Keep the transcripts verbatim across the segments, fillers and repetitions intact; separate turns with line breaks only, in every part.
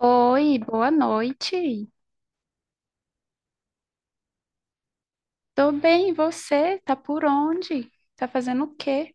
Oi, boa noite. Tô bem, e você? Tá por onde? Tá fazendo o quê?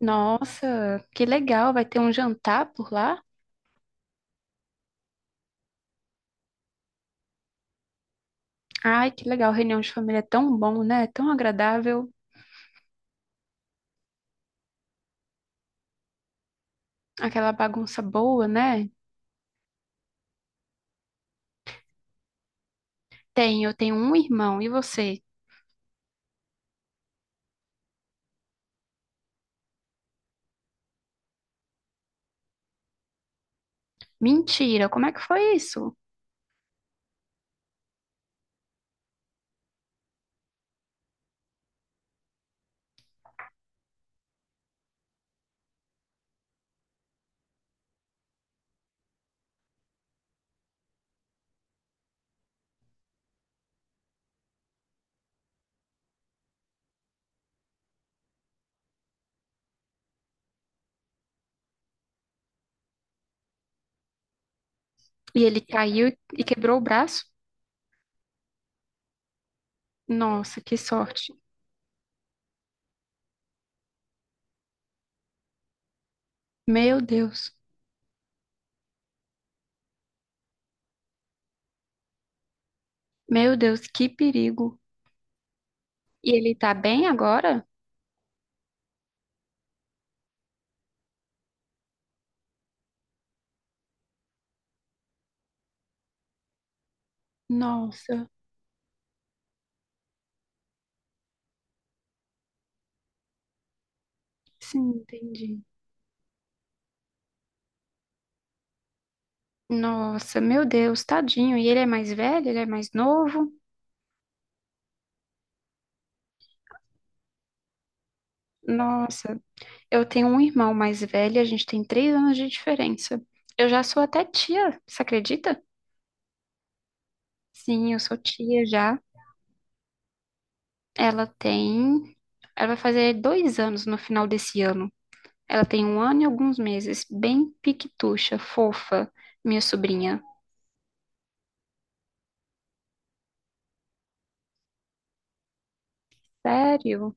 Nossa, que legal, vai ter um jantar por lá? Ai, que legal, reunião de família é tão bom, né? Tão agradável, aquela bagunça boa, né? Tem, eu tenho um irmão, e você? Mentira, como é que foi isso? E ele caiu e quebrou o braço? Nossa, que sorte. Meu Deus, meu Deus, que perigo. E ele tá bem agora? Nossa, sim, entendi. Nossa, meu Deus, tadinho. E ele é mais velho? Ele é mais novo? Nossa, eu tenho um irmão mais velho, a gente tem três anos de diferença. Eu já sou até tia, você acredita? Sim, eu sou tia já. Ela tem. Ela vai fazer dois anos no final desse ano. Ela tem um ano e alguns meses. Bem piquitucha, fofa, minha sobrinha. Sério?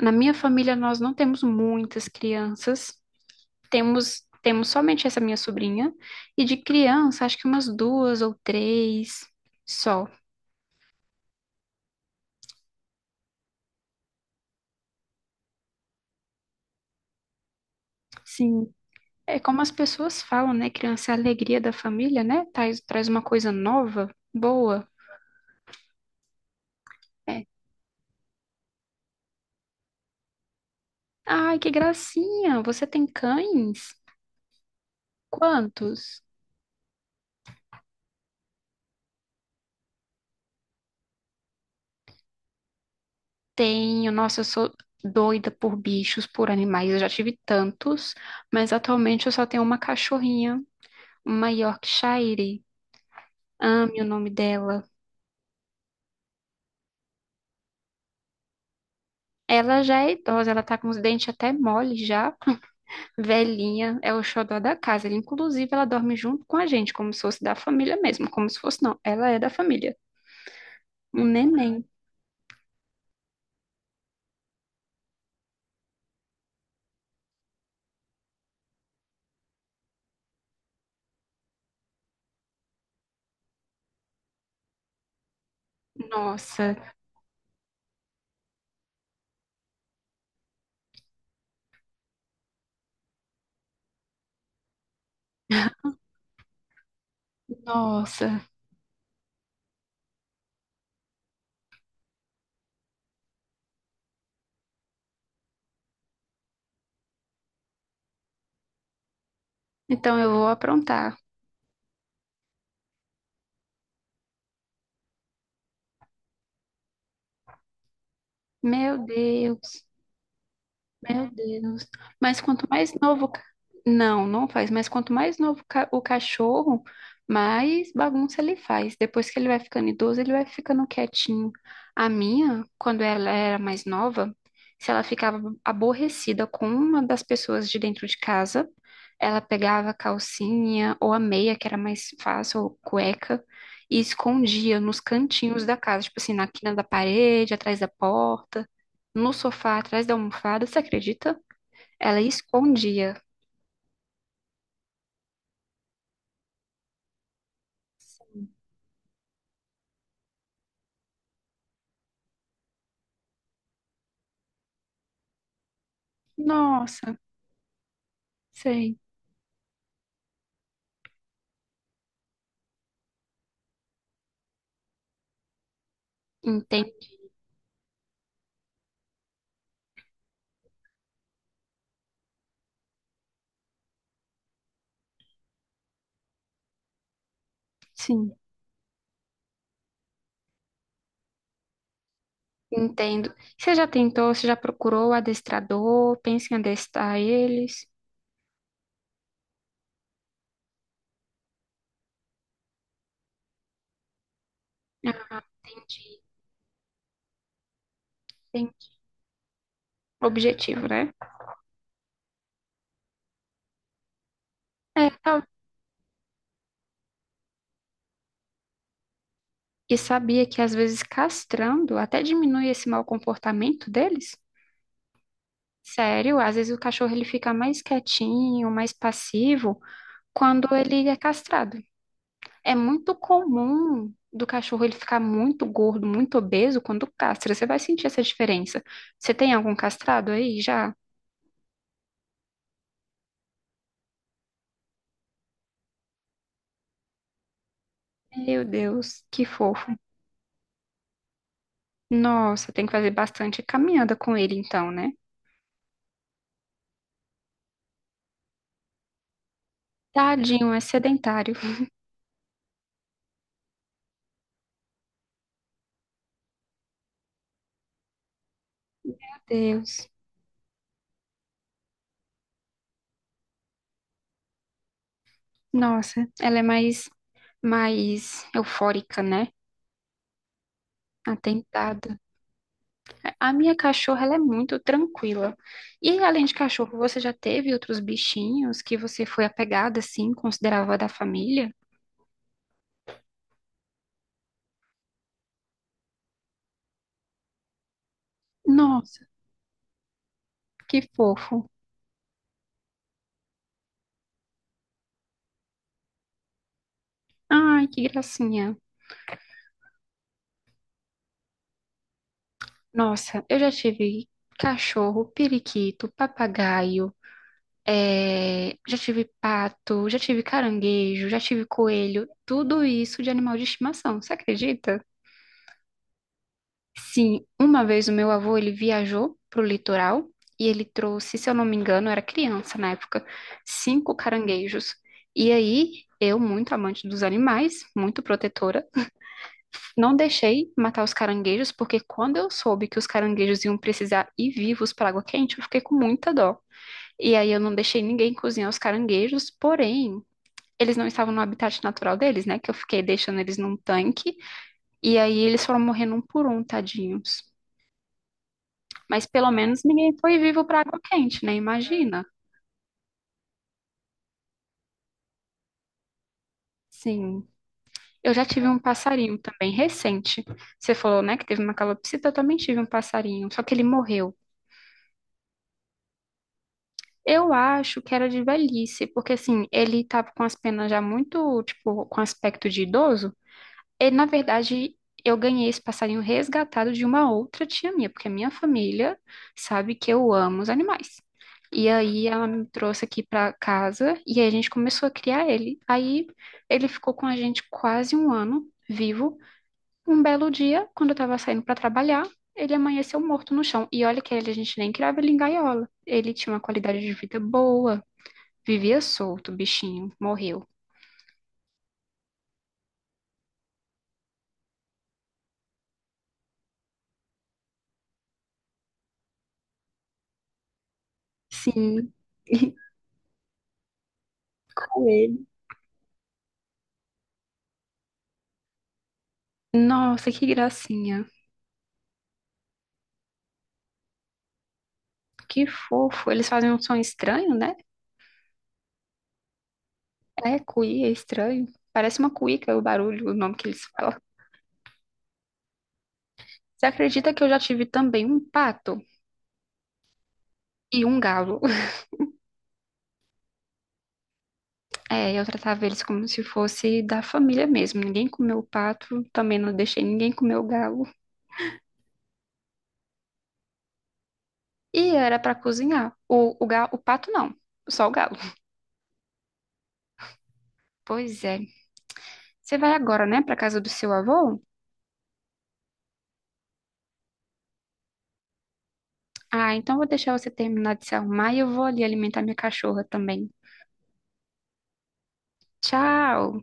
Na minha família, nós não temos muitas crianças. Temos, temos somente essa minha sobrinha. E de criança, acho que umas duas ou três só. Sim. É como as pessoas falam, né? Criança é a alegria da família, né? Traz, traz uma coisa nova, boa. É. Ai, que gracinha! Você tem cães? Quantos? Tenho. Nossa, eu sou doida por bichos, por animais. Eu já tive tantos, mas atualmente eu só tenho uma cachorrinha, uma Yorkshire. Ame o nome dela. Ela já é idosa, ela tá com os dentes até mole já, velhinha, é o xodó da casa. Inclusive, ela dorme junto com a gente, como se fosse da família mesmo, como se fosse não, ela é da família. Um neném. Nossa, nossa. Então eu vou aprontar. Meu Deus. Meu Deus. Mas quanto mais novo, o ca- Não, não faz. Mas quanto mais novo o ca- o cachorro, mais bagunça ele faz. Depois que ele vai ficando idoso, ele vai ficando quietinho. A minha, quando ela era mais nova, se ela ficava aborrecida com uma das pessoas de dentro de casa, ela pegava a calcinha ou a meia, que era mais fácil, ou cueca, e escondia nos cantinhos da casa, tipo assim, na quina da parede, atrás da porta no sofá, atrás da almofada, você acredita? Ela escondia. Nossa, sei. Entendo. Sim. Entendo. Você já tentou, você já procurou o adestrador, pensa em adestrar eles? Ah, entendi, entendi. Objetivo, né? É. tal- E sabia que às vezes castrando até diminui esse mau comportamento deles? Sério, às vezes o cachorro ele fica mais quietinho, mais passivo quando ele é castrado. É muito comum do cachorro ele ficar muito gordo, muito obeso quando castra. Você vai sentir essa diferença. Você tem algum castrado aí já? Meu Deus, que fofo. Nossa, tem que fazer bastante caminhada com ele então, né? Tadinho, é sedentário. Meu Deus. Nossa, ela é mais, mais eufórica, né? Atentada. A minha cachorra, ela é muito tranquila. E além de cachorro, você já teve outros bichinhos que você foi apegada, assim, considerava da família? Nossa, que fofo. Ai, que gracinha. Nossa, eu já tive cachorro, periquito, papagaio, é, já tive pato, já tive caranguejo, já tive coelho, tudo isso de animal de estimação, você acredita? Sim, uma vez o meu avô, ele viajou pro litoral e ele trouxe, se eu não me engano, eu era criança na época, cinco caranguejos. E aí, eu, muito amante dos animais, muito protetora, não deixei matar os caranguejos, porque quando eu soube que os caranguejos iam precisar ir vivos para água quente, eu fiquei com muita dó. E aí eu não deixei ninguém cozinhar os caranguejos, porém, eles não estavam no habitat natural deles, né? Que eu fiquei deixando eles num tanque, e aí eles foram morrendo um por um, tadinhos. Mas pelo menos ninguém foi vivo para água quente, né? Imagina. Sim. Eu já tive um passarinho também recente. Você falou, né, que teve uma calopsita, eu também tive um passarinho, só que ele morreu. Eu acho que era de velhice, porque assim, ele tava com as penas já muito, tipo, com aspecto de idoso. E, na verdade, eu ganhei esse passarinho resgatado de uma outra tia minha, porque a minha família sabe que eu amo os animais. E aí ela me trouxe aqui pra casa e aí a gente começou a criar ele. Aí ele ficou com a gente quase um ano vivo. Um belo dia, quando eu tava saindo pra trabalhar, ele amanheceu morto no chão. E olha que ele, a gente nem criava ele em gaiola. Ele tinha uma qualidade de vida boa, vivia solto, o bichinho, morreu. Sim, com ele. Nossa, que gracinha. Que fofo. Eles fazem um som estranho, né? É, cuí, é estranho. Parece uma cuíca o barulho, o nome que eles falam. Você acredita que eu já tive também um pato e um galo? É, eu tratava eles como se fosse da família mesmo. Ninguém comeu o pato, também não deixei ninguém comer o galo. E era pra cozinhar. O, o, ga- o pato não, só o galo. Pois é. Você vai agora, né, pra casa do seu avô? Ah, então vou deixar você terminar de se arrumar e eu vou ali alimentar minha cachorra também. Tchau!